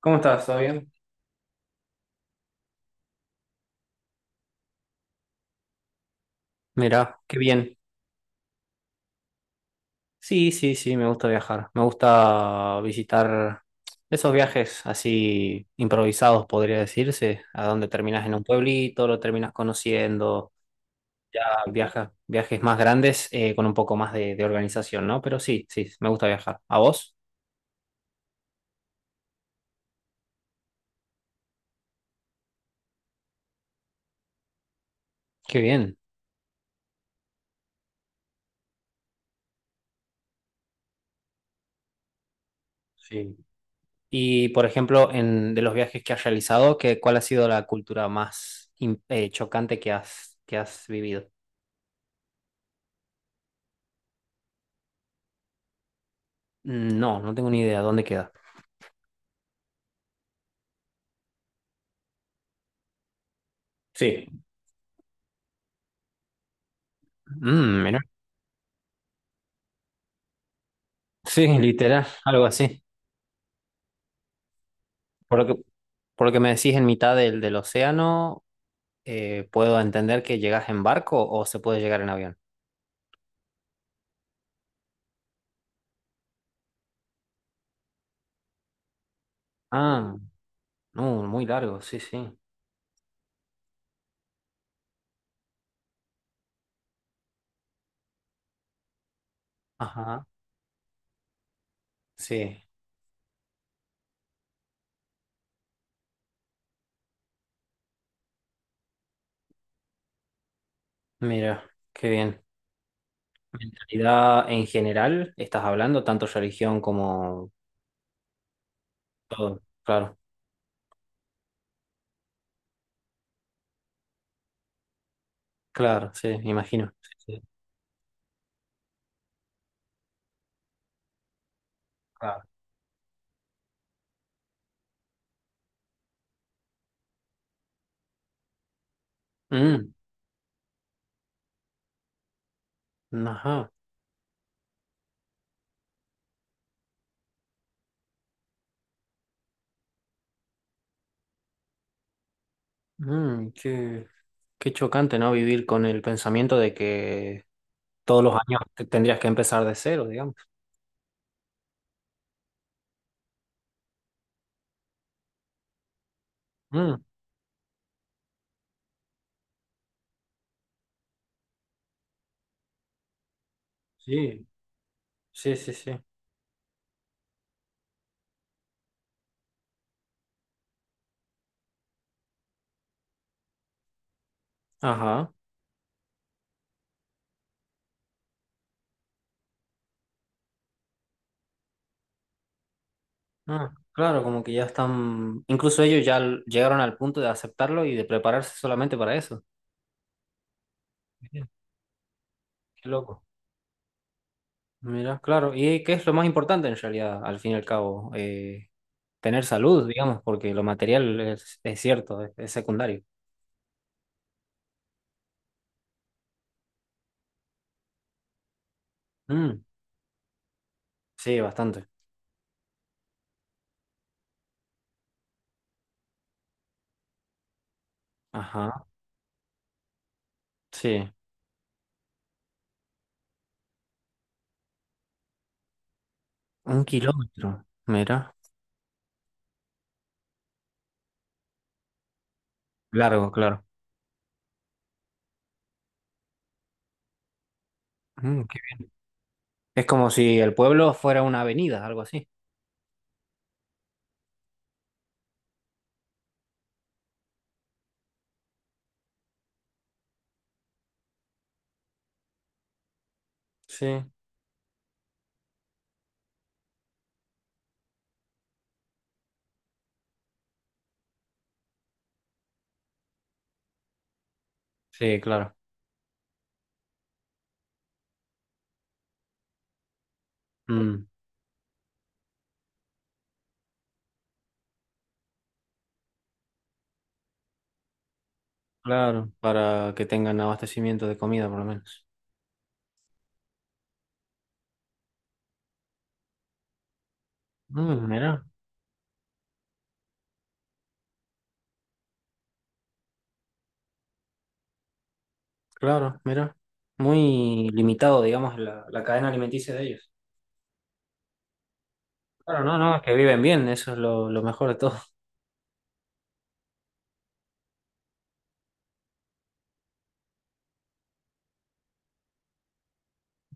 ¿Cómo estás? ¿Todo bien? Mirá, qué bien. Sí, sí, sí, me gusta viajar. Me gusta visitar esos viajes así improvisados, podría decirse, a donde terminas en un pueblito, lo terminas conociendo, ya viajas, viajes más grandes con un poco más de organización, ¿no? Pero sí, sí, me gusta viajar. ¿A vos? Qué bien. Sí. Y, por ejemplo, de los viajes que has realizado, ¿qué, cuál ha sido la cultura más chocante que que has vivido? Mm, no, no tengo ni idea. ¿Dónde queda? Sí. Mm, mira. Sí, literal, algo así. Por lo que, por lo que me decís en mitad del océano, puedo entender que llegas en barco o se puede llegar en avión. Ah, no, muy largo, sí, sí. Ajá, sí. Mira, qué bien. Mentalidad en general, estás hablando, tanto religión como todo. Claro, claro, sí, me imagino. Sí, sí, claro. Mm, ajá. Mm, qué, qué chocante, ¿no? Vivir con el pensamiento de que todos los años tendrías que empezar de cero, digamos. Mm, sí, sí, sí, sí. Ajá. Ah, claro, como que ya están, incluso ellos ya llegaron al punto de aceptarlo y de prepararse solamente para eso. Mira, qué loco. Mira, claro. ¿Y qué es lo más importante en realidad, al fin y al cabo? Tener salud, digamos, porque lo material es cierto, es secundario. Mm, sí, bastante. Ajá, sí. Un kilómetro, mira. Largo, claro. Mm, qué bien. Es como si el pueblo fuera una avenida, algo así. Sí, sí, claro. Mm, claro, para que tengan abastecimiento de comida por lo menos. Mm, mira, claro, mira. Muy limitado, digamos, la cadena alimenticia de ellos. Claro, no, no, es que viven bien, eso es lo mejor de todo.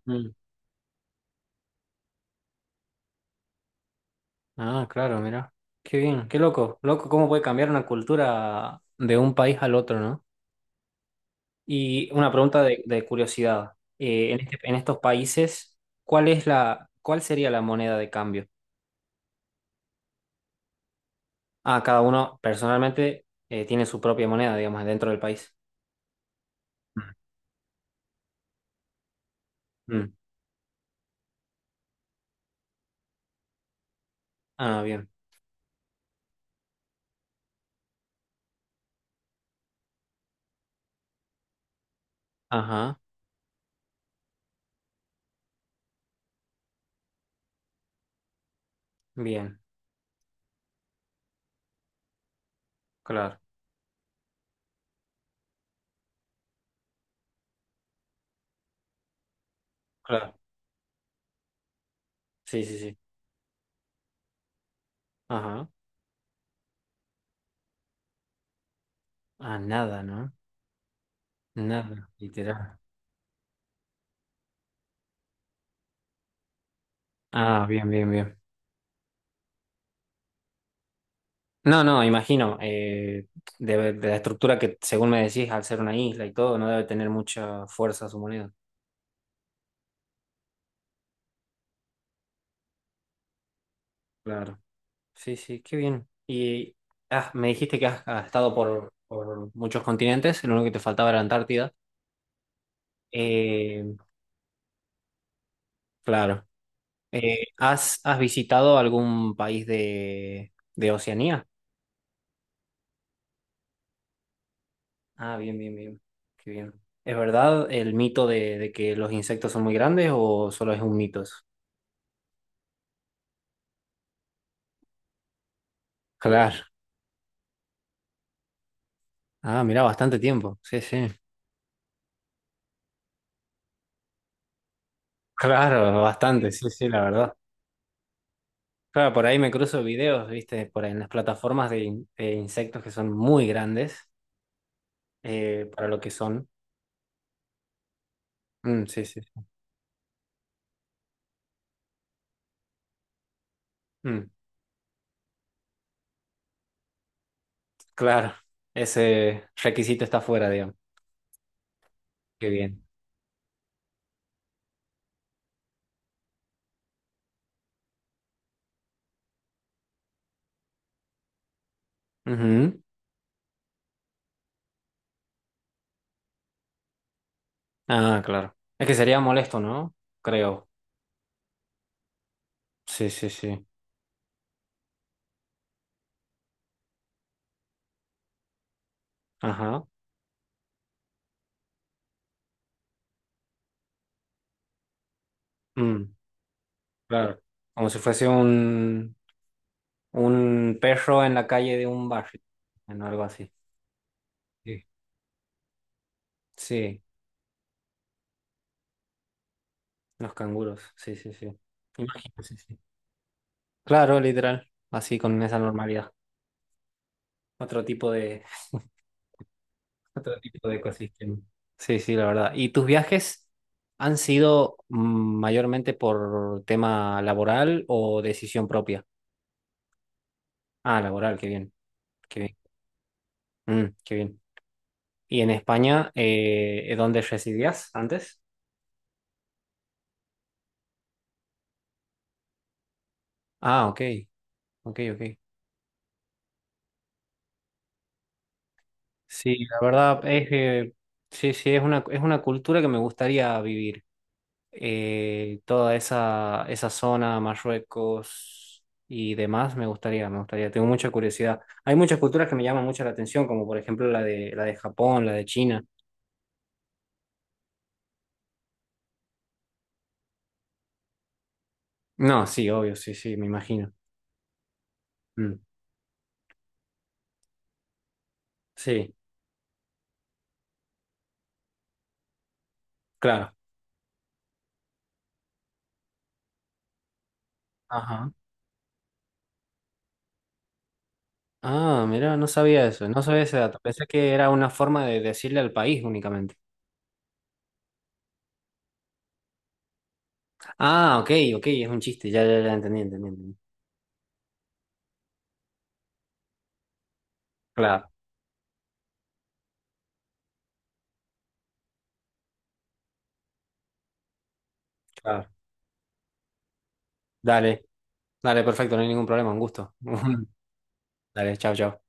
Mm. Ah, claro, mira. Qué bien, qué loco. Loco, cómo puede cambiar una cultura de un país al otro, ¿no? Y una pregunta de curiosidad. En estos países, ¿cuál es la, cuál sería la moneda de cambio? Ah, cada uno personalmente tiene su propia moneda, digamos, dentro del país. Mm. Mm. Ah, bien. Ajá, bien. Claro, claro. Sí, sí, sí. Ajá. Ah, nada, ¿no? Nada, literal. Ah, bien, bien, bien. No, no, imagino. La estructura que, según me decís, al ser una isla y todo, no debe tener mucha fuerza su moneda. Claro. Sí, sí, qué bien. Me dijiste que has estado por muchos continentes, lo único que te faltaba era Antártida. Eh, claro. ¿ has visitado algún país de Oceanía? Ah, bien, bien, bien. Qué bien. ¿Es verdad el mito de que los insectos son muy grandes o solo es un mito eso? Claro. Ah, mira, bastante tiempo. Sí, sí. Claro, bastante, sí, sí, la verdad. Claro, por ahí me cruzo videos, viste, por ahí en las plataformas de insectos que son muy grandes para lo que son. Mm, sí, sí. Mm, claro, ese requisito está fuera, digamos. Qué bien. Ujú. Ah, claro. Es que sería molesto, ¿no? Creo. Sí, sí, sí. Ajá. Mm, claro. Como si fuese un perro en la calle de un barrio, bueno, algo así. Sí. Sí, los canguros. Sí, sí, sí. Imagino, sí, sí. Claro, literal. Así con esa normalidad. Otro tipo de, otro tipo de ecosistema. Sí, sí, la verdad. ¿Y tus viajes han sido mayormente por tema laboral o decisión propia? Ah, laboral, qué bien. Mm, qué bien. ¿Y en España, dónde residías antes? Ah, ok, ok, ok. Sí, la verdad es que sí, sí, es una cultura que me gustaría vivir. Toda esa zona, Marruecos y demás, me gustaría, me gustaría. Tengo mucha curiosidad. Hay muchas culturas que me llaman mucho la atención, como por ejemplo la de Japón, la de China. No, sí, obvio, sí, sí, me imagino. Mm, sí, claro. Ajá. Ah, mira, no sabía eso, no sabía ese dato. Pensé que era una forma de decirle al país únicamente. Ah, ok, ok, es un chiste, ya, ya, ya entendí, entendí, entendí. Claro, claro. Dale, dale, perfecto, no hay ningún problema, un gusto. Dale, chao, chao.